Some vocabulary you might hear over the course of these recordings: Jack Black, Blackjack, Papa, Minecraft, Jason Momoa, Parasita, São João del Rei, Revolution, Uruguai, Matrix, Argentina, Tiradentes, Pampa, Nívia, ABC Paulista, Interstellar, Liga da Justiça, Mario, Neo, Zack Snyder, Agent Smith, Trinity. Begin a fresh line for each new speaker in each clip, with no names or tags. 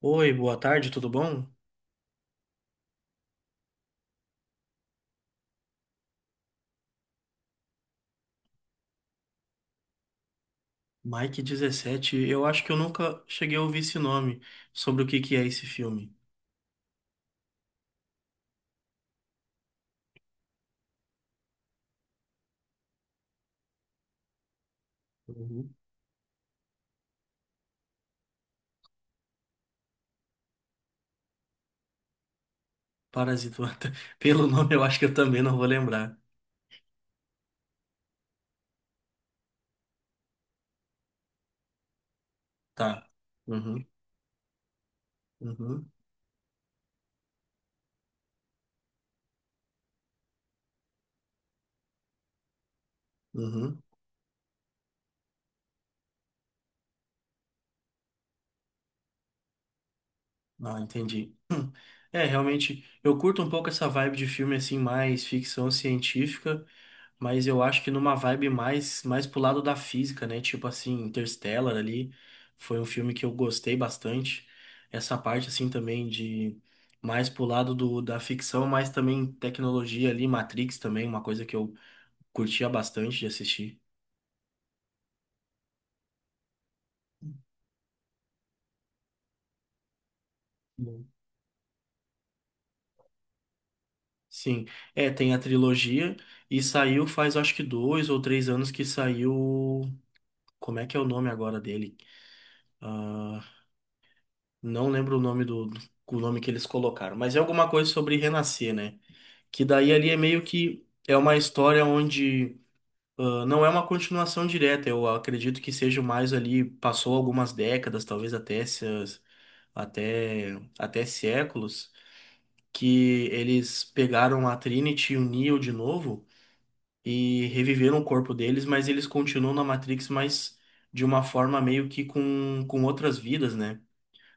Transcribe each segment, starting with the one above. Oi, boa tarde, tudo bom? Mike 17, eu acho que eu nunca cheguei a ouvir esse nome, sobre o que que é esse filme. Uhum. Parasita. Pelo nome eu acho que eu também não vou lembrar. Tá. Uhum, uhum, uhum. Ah, entendi. É, realmente, eu curto um pouco essa vibe de filme assim, mais ficção científica. Mas eu acho que numa vibe mais pro lado da física, né? Tipo assim, Interstellar ali foi um filme que eu gostei bastante. Essa parte assim também de mais pro lado do, da ficção, mas também tecnologia ali, Matrix também, uma coisa que eu curtia bastante de assistir. Bom. Sim, é, tem a trilogia e saiu faz acho que 2 ou 3 anos que saiu. Como é que é o nome agora dele? Ah, não lembro o nome o nome que eles colocaram, mas é alguma coisa sobre renascer, né? Que daí ali é meio que é uma história onde ah, não é uma continuação direta. Eu acredito que seja mais ali, passou algumas décadas, talvez até se- até, até séculos, que eles pegaram a Trinity e o Neo de novo e reviveram o corpo deles, mas eles continuam na Matrix, mas de uma forma meio que com outras vidas, né?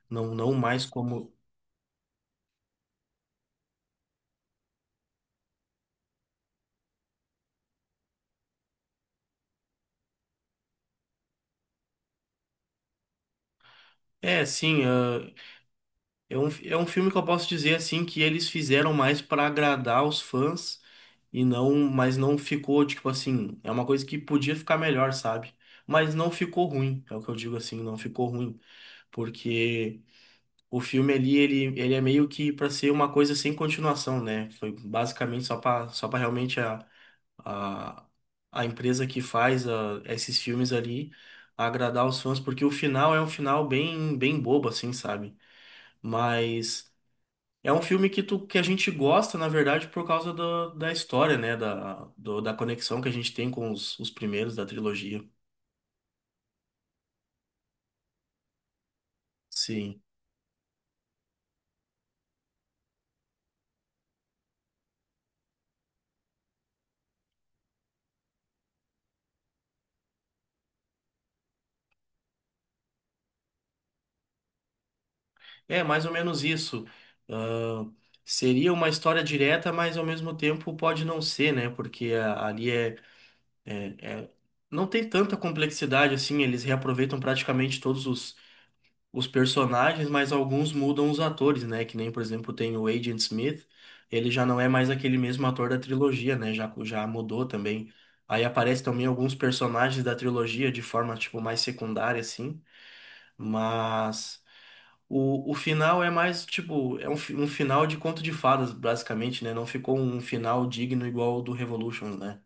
Não, não mais como. É, sim, É um filme que eu posso dizer assim que eles fizeram mais pra agradar os fãs e mas não ficou tipo assim, é uma coisa que podia ficar melhor, sabe? Mas não ficou ruim, é o que eu digo assim, não ficou ruim, porque o filme ali ele é meio que pra ser uma coisa sem continuação, né? Foi basicamente só para realmente a a empresa que faz esses filmes ali agradar os fãs, porque o final é um final bem bem bobo assim, sabe? Mas é um filme que a gente gosta, na verdade, por causa da história, né? Da conexão que a gente tem com os primeiros da trilogia. Sim. É mais ou menos isso. Ah, seria uma história direta, mas ao mesmo tempo pode não ser, né? Porque ali é. Não tem tanta complexidade assim, eles reaproveitam praticamente todos os personagens, mas alguns mudam os atores, né? Que nem, por exemplo, tem o Agent Smith, ele já não é mais aquele mesmo ator da trilogia, né? Já mudou também. Aí aparece também alguns personagens da trilogia de forma, tipo, mais secundária, assim, mas o final é mais, tipo, um final de conto de fadas, basicamente, né? Não ficou um final digno igual ao do Revolution, né?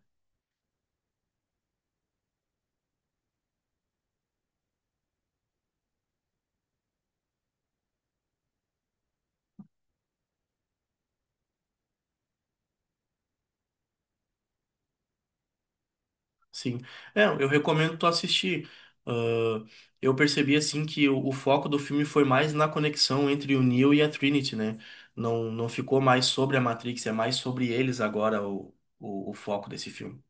Sim. É, eu recomendo tu assistir. Ah, eu percebi assim que o foco do filme foi mais na conexão entre o Neo e a Trinity, né? Não, não ficou mais sobre a Matrix, é mais sobre eles agora o foco desse filme.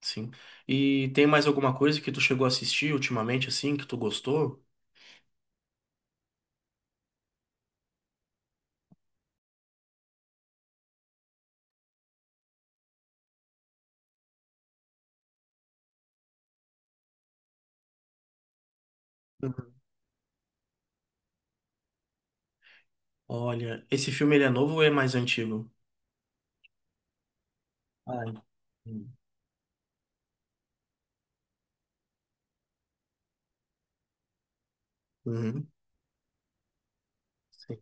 Sim. E tem mais alguma coisa que tu chegou a assistir ultimamente, assim, que tu gostou? Uhum. Olha, esse filme ele é novo ou é mais antigo? Ai, hum, uhum. Sim.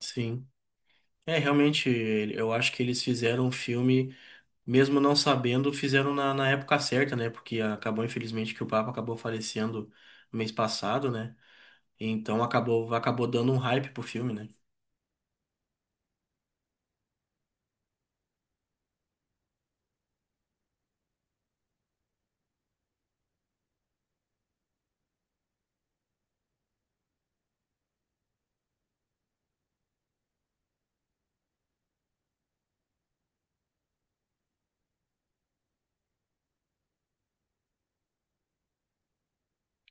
Sim. É, realmente, eu acho que eles fizeram um filme, mesmo não sabendo, fizeram na época certa, né? Porque acabou, infelizmente, que o Papa acabou falecendo no mês passado, né? Então acabou dando um hype pro filme, né?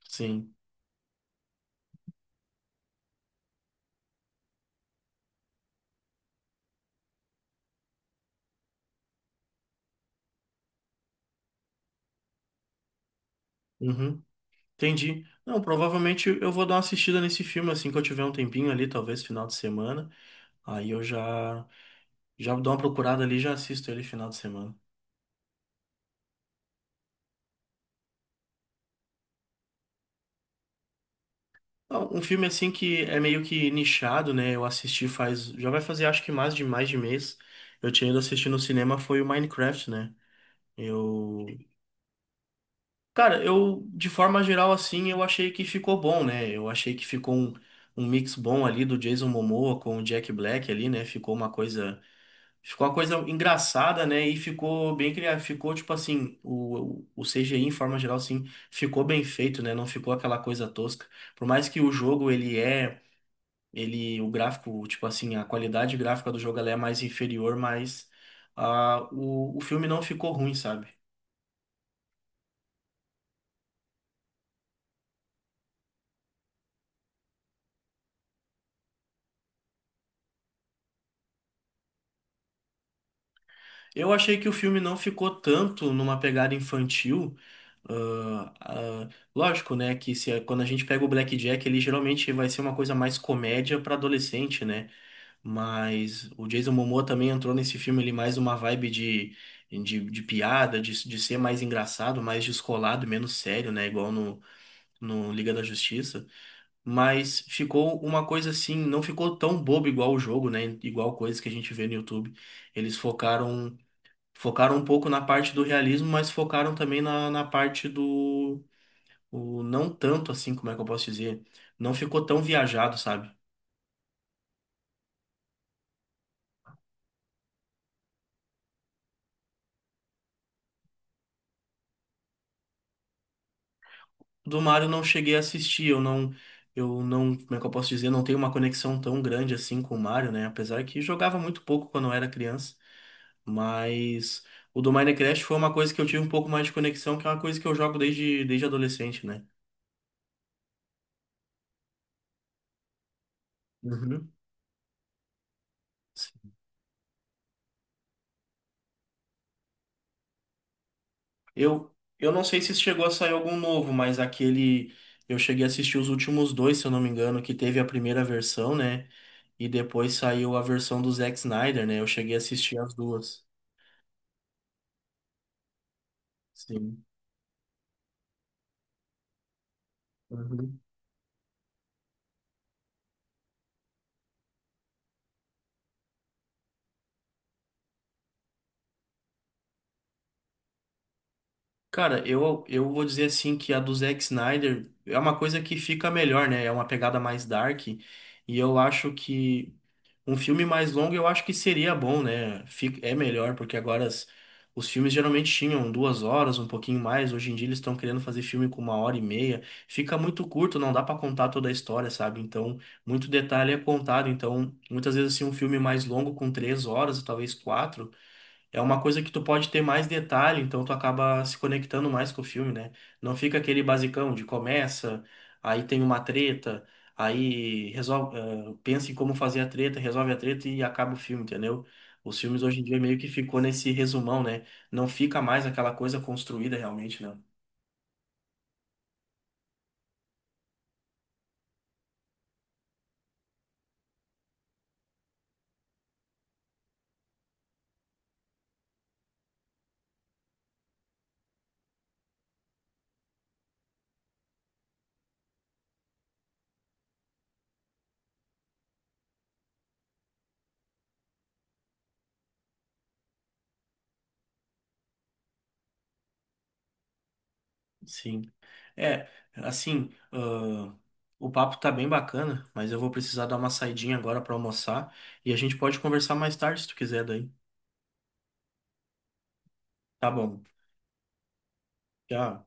Sim. Uhum. Entendi. Não, provavelmente eu vou dar uma assistida nesse filme assim que eu tiver um tempinho ali, talvez final de semana. Aí eu já já dou uma procurada ali, e já assisto ele final de semana. Não, um filme assim que é meio que nichado, né? Eu assisti faz, já vai fazer acho que mais de mês. Eu tinha ido assistir no cinema foi o Minecraft, né? Eu Cara, eu, de forma geral, assim, eu achei que ficou bom, né? Eu achei que ficou um mix bom ali do Jason Momoa com o Jack Black ali, né? Ficou uma coisa engraçada, né? E ficou bem criado, ficou tipo assim, o CGI em forma geral, assim, ficou bem feito, né? Não ficou aquela coisa tosca. Por mais que o jogo, o gráfico, tipo assim, a qualidade gráfica do jogo, ela é mais inferior, mas ah, o filme não ficou ruim, sabe? Eu achei que o filme não ficou tanto numa pegada infantil. ah, ah, Lógico, né, que se, quando a gente pega o Blackjack, ele geralmente vai ser uma coisa mais comédia para adolescente, né? Mas o Jason Momoa também entrou nesse filme ele mais uma vibe de piada, de ser mais engraçado, mais descolado, menos sério, né? Igual no Liga da Justiça. Mas ficou uma coisa assim, não ficou tão bobo igual o jogo, né? Igual coisas que a gente vê no YouTube. Eles focaram. Focaram um pouco na parte do realismo, mas focaram também na parte do. O, não tanto assim, como é que eu posso dizer? Não ficou tão viajado, sabe? Do Mario eu não cheguei a assistir, eu não. Eu não. Como é que eu posso dizer? Não tenho uma conexão tão grande assim com o Mario, né? Apesar que jogava muito pouco quando eu era criança. Mas o do Minecraft foi uma coisa que eu tive um pouco mais de conexão, que é uma coisa que eu jogo desde adolescente, né? Uhum. Eu não sei se chegou a sair algum novo, mas aquele. Eu cheguei a assistir os últimos dois, se eu não me engano, que teve a primeira versão, né? E depois saiu a versão do Zack Snyder, né? Eu cheguei a assistir as duas. Sim. Uhum. Cara, eu vou dizer assim que a do Zack Snyder é uma coisa que fica melhor, né? É uma pegada mais dark. E eu acho que um filme mais longo eu acho que seria bom, né? É melhor, porque agora os filmes geralmente tinham 2 horas, um pouquinho mais. Hoje em dia eles estão querendo fazer filme com uma hora e meia. Fica muito curto, não dá pra contar toda a história, sabe? Então, muito detalhe é contado. Então, muitas vezes assim, um filme mais longo com 3 horas, talvez quatro. É uma coisa que tu pode ter mais detalhe, então tu acaba se conectando mais com o filme, né? Não fica aquele basicão de começa, aí tem uma treta, aí resolve, pensa em como fazer a treta, resolve a treta e acaba o filme, entendeu? Os filmes hoje em dia meio que ficou nesse resumão, né? Não fica mais aquela coisa construída realmente, não. Sim. É, assim, o papo tá bem bacana, mas eu vou precisar dar uma saidinha agora pra almoçar e a gente pode conversar mais tarde se tu quiser daí. Tá bom. Tchau.